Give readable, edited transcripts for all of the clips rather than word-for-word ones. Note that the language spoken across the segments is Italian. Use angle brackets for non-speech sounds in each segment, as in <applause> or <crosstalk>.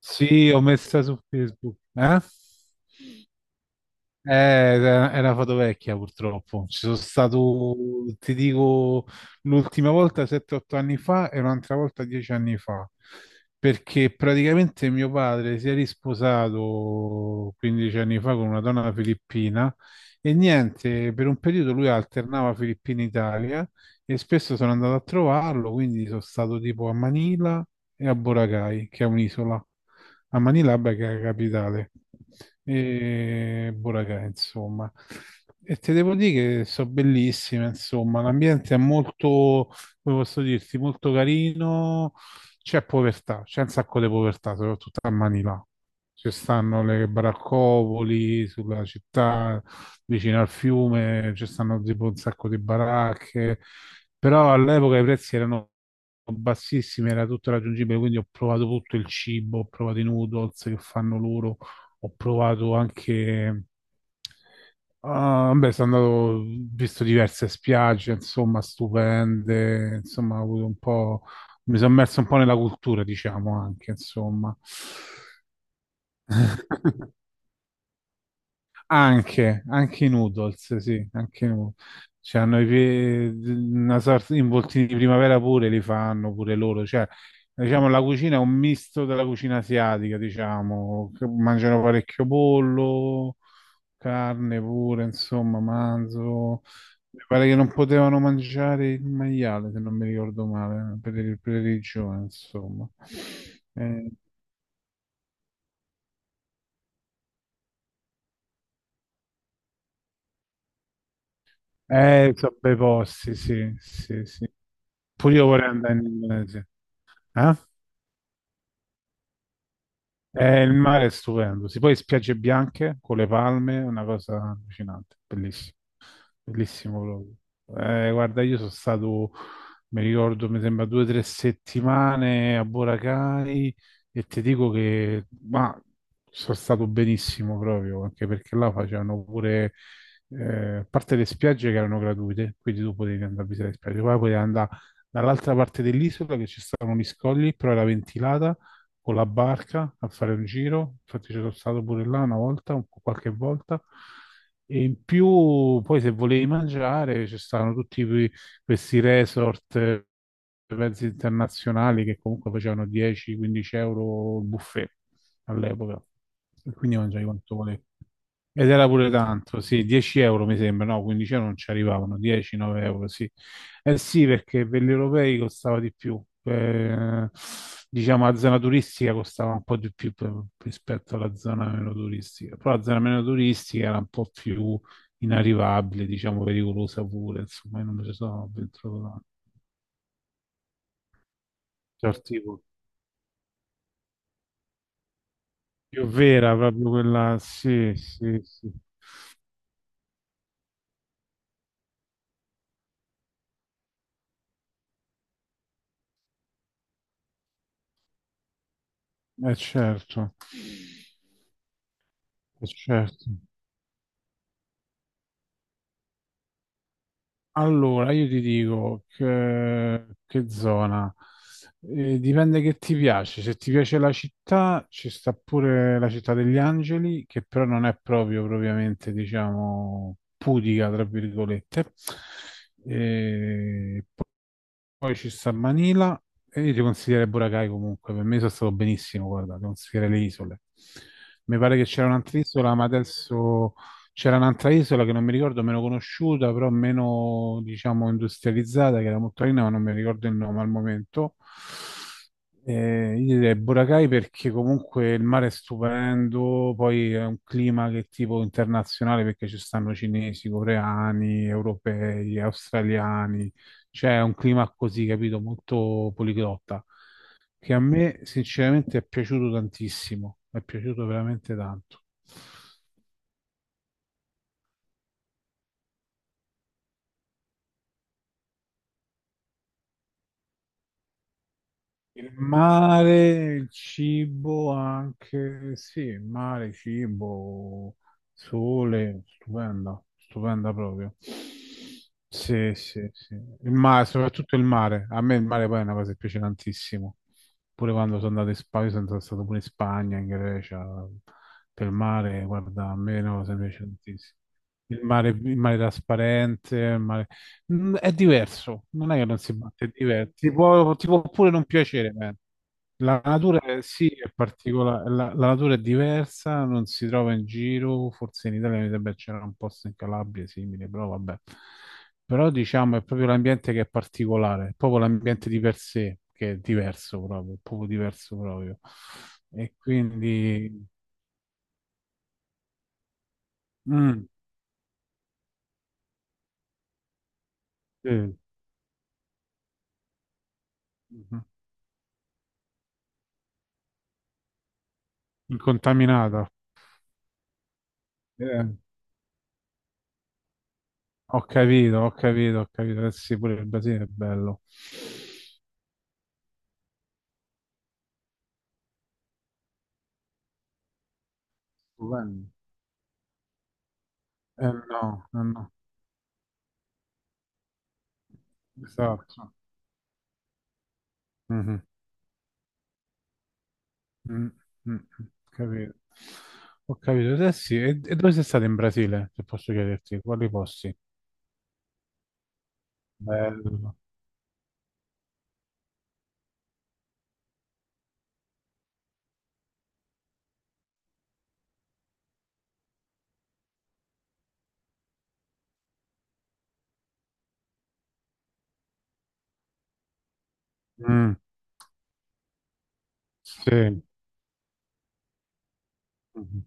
Sì, ho messa su Facebook. Eh? Era una foto vecchia purtroppo. Ci sono stato, ti dico, l'ultima volta 7-8 anni fa e un'altra volta 10 anni fa. Perché praticamente mio padre si è risposato 15 anni fa con una donna filippina e niente, per un periodo lui alternava Filippina-Italia e spesso sono andato a trovarlo, quindi sono stato tipo a Manila e a Boracay, che è un'isola, a Manilava, che è la capitale, e Boracay, insomma. E te devo dire che sono bellissime, insomma, l'ambiente è molto, come posso dirti, molto carino, c'è povertà, c'è un sacco di povertà, soprattutto a Manila. Ci stanno le baraccopoli sulla città, vicino al fiume, ci stanno tipo un sacco di baracche, però all'epoca i prezzi erano bassissime, era tutto raggiungibile, quindi ho provato tutto il cibo, ho provato i noodles che fanno loro, ho provato anche... Ah, beh, sono andato, ho visto diverse spiagge, insomma, stupende, insomma, ho avuto un po'... mi sono immerso un po' nella cultura, diciamo, anche, insomma. <laughs> Anche i noodles, sì, anche i noodles. Cioè, hanno una sorta di involtini di primavera pure li fanno pure loro. Cioè, diciamo, la cucina è un misto della cucina asiatica, diciamo, che mangiano parecchio pollo, carne pure, insomma, manzo. Mi pare che non potevano mangiare il maiale, se non mi ricordo male, per religione, insomma. Eh, eh, so bei posti, sì, sì, sì. Pure io vorrei andare in Indonesia. Eh? Il mare è stupendo. Si poi spiagge bianche con le palme, una cosa allucinante, bellissima. Bellissimo proprio. Guarda, io sono stato, mi ricordo, mi sembra 2 o 3 settimane a Boracay e ti dico che ma, sono stato benissimo proprio, anche perché là facevano pure, a parte le spiagge che erano gratuite, quindi tu potevi andare a visitare le spiagge, poi potevi andare dall'altra parte dell'isola che ci stavano gli scogli, però era ventilata con la barca a fare un giro, infatti c'ero stato pure là una volta, qualche volta, e in più poi se volevi mangiare ci stavano tutti questi resort, mezzi internazionali che comunque facevano 10-15 euro il buffet all'epoca, e quindi mangiavi quanto volevi. Ed era pure tanto, sì, 10 euro mi sembra, no, 15 euro non ci arrivavano, 10, 9 euro, sì. Eh sì, perché per gli europei costava di più, diciamo la zona turistica costava un po' di più rispetto alla zona meno turistica, però la zona meno turistica era un po' più inarrivabile, diciamo pericolosa pure, insomma, io non me ci sono avventurato tanto. Certo, tipo. Più vera, proprio quella, sì, sì, sì, è certo, è certo. Allora, io ti dico che zona. Dipende che ti piace. Se ti piace la città, ci sta pure la città degli angeli, che però non è proprio propriamente, diciamo, pudica, tra virgolette. Eh, poi ci sta Manila e io ti consiglierei Boracay comunque, per me sono stato benissimo, guarda, ti consiglierei le isole. Mi pare che c'era un'altra isola, ma adesso c'era un'altra isola che non mi ricordo, meno conosciuta, però meno, diciamo, industrializzata, che era molto carina, ma non mi ricordo il nome al momento. Io direi Boracay perché comunque il mare è stupendo, poi è un clima che è tipo internazionale perché ci stanno cinesi, coreani, europei, australiani, c'è un clima così, capito, molto poliglotta, che a me sinceramente è piaciuto tantissimo, è piaciuto veramente tanto. Il mare, il cibo anche, sì, mare, cibo, sole, stupenda, stupenda proprio. Sì, sì, sì. Il mare, soprattutto il mare. A me il mare poi è una cosa che piace tantissimo. Pure quando sono andato in Spagna, sono stato pure in Spagna, in Grecia, per il mare, guarda, a me è una cosa che piace tantissimo. Il mare trasparente, il mare- Mm, è diverso, non è che non si batte, è diverso. Ti può pure non piacere, ma la natura sì, è particolare, la natura è diversa, non si trova in giro, forse in Italia mi sembra che c'era un posto in Calabria simile, però vabbè. Però diciamo è proprio l'ambiente che è particolare, è proprio l'ambiente di per sé che è diverso proprio, è proprio diverso proprio. E quindi... Mm, sì, mhm, incontaminata. Eh, Ho capito, ho capito, ho capito. Eh sì, pure il Brasile è bello. Stupendo. No, eh no, esatto. Mhm, mm, mm, mm. Capito. Ho capito. Eh sì, e dove sei stato in Brasile, se posso chiederti? Quali posti? Bello. Mm, sì. Mhm,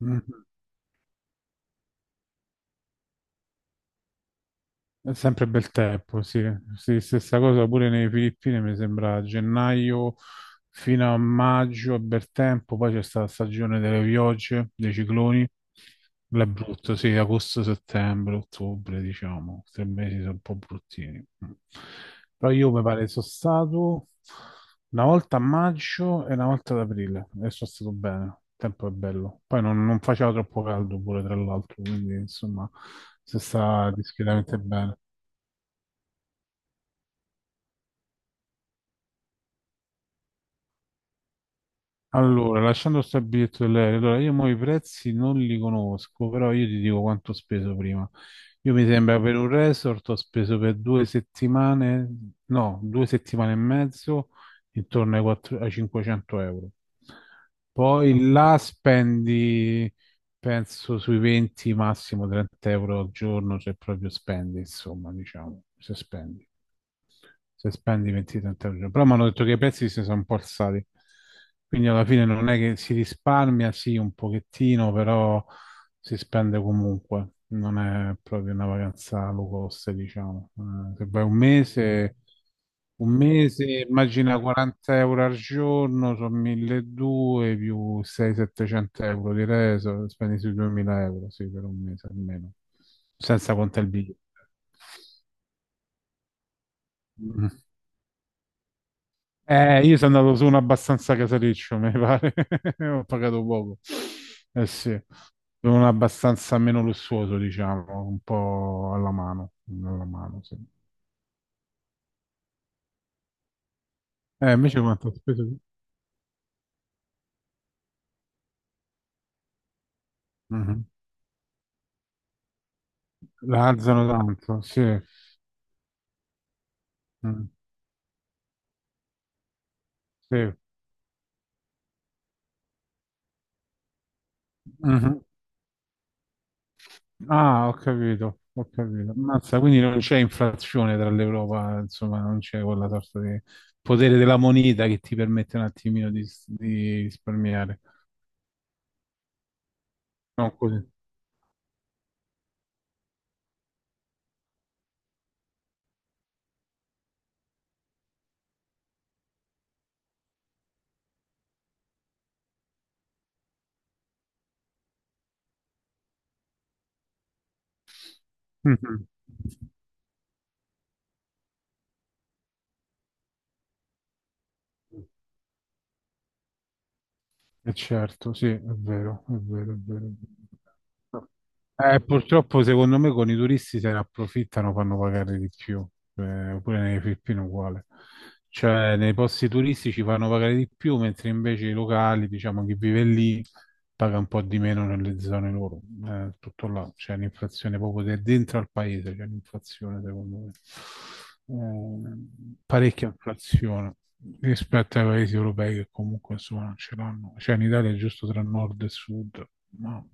mhm. È sempre bel tempo, sì. Sì, stessa cosa pure nelle Filippine, mi sembra a gennaio fino a maggio è bel tempo, poi c'è stata la stagione delle piogge, dei cicloni, là è brutto, sì, agosto, settembre, ottobre, diciamo, 3 mesi sono un po' bruttini. Però io mi pare sono stato una volta a maggio e una volta ad aprile e sono stato bene, il tempo è bello. Poi non faceva troppo caldo pure, tra l'altro, quindi insomma si sta discretamente bene. Allora, lasciando stare il biglietto dell'aereo, allora io mo i prezzi non li conosco, però io ti dico quanto ho speso prima. Io mi sembra per un resort ho speso per 2 settimane, no, 2 settimane e mezzo, intorno ai 500 euro. Poi là spendi, penso, sui 20, massimo 30 euro al giorno, se proprio spendi, insomma, diciamo, se spendi. Se spendi 20-30 euro. Però mi hanno detto che i prezzi si sono un po' alzati. Quindi alla fine non è che si risparmia, sì, un pochettino, però si spende comunque. Non è proprio una vacanza low cost, diciamo. Se vai un mese, immagina 40 euro al giorno, sono 1200 più 600-700 euro di reso, spendi sui 2000 euro, sì, per un mese almeno, senza contare il biglietto. <laughs> Io sono andato su uno abbastanza casareccio, mi pare. <laughs> Ho pagato poco. Eh sì, su uno abbastanza meno lussuoso, diciamo, un po' alla mano. Alla mano, sì. Invece quanto ho speso? Io? Mhm. La alzano tanto, sì. Mm, sì. Mhm. Ah, ho capito, ho capito. Ammazza, quindi non c'è inflazione tra l'Europa, insomma, non c'è quella sorta di potere della moneta che ti permette un attimino di risparmiare. Non così. Mhm. Eh certo, sì, è vero, è vero, è vero. Purtroppo secondo me con i turisti se ne approfittano, fanno pagare di più, pure nelle Filippine uguale. Cioè nei posti turistici fanno pagare di più, mentre invece i locali, diciamo chi vive lì, paga un po' di meno nelle zone loro. Tutto là, c'è un'inflazione proprio dentro al paese, c'è un'inflazione secondo me, parecchia inflazione rispetto ai paesi europei che comunque insomma non ce l'hanno. Cioè in Italia è giusto tra nord e sud, ma...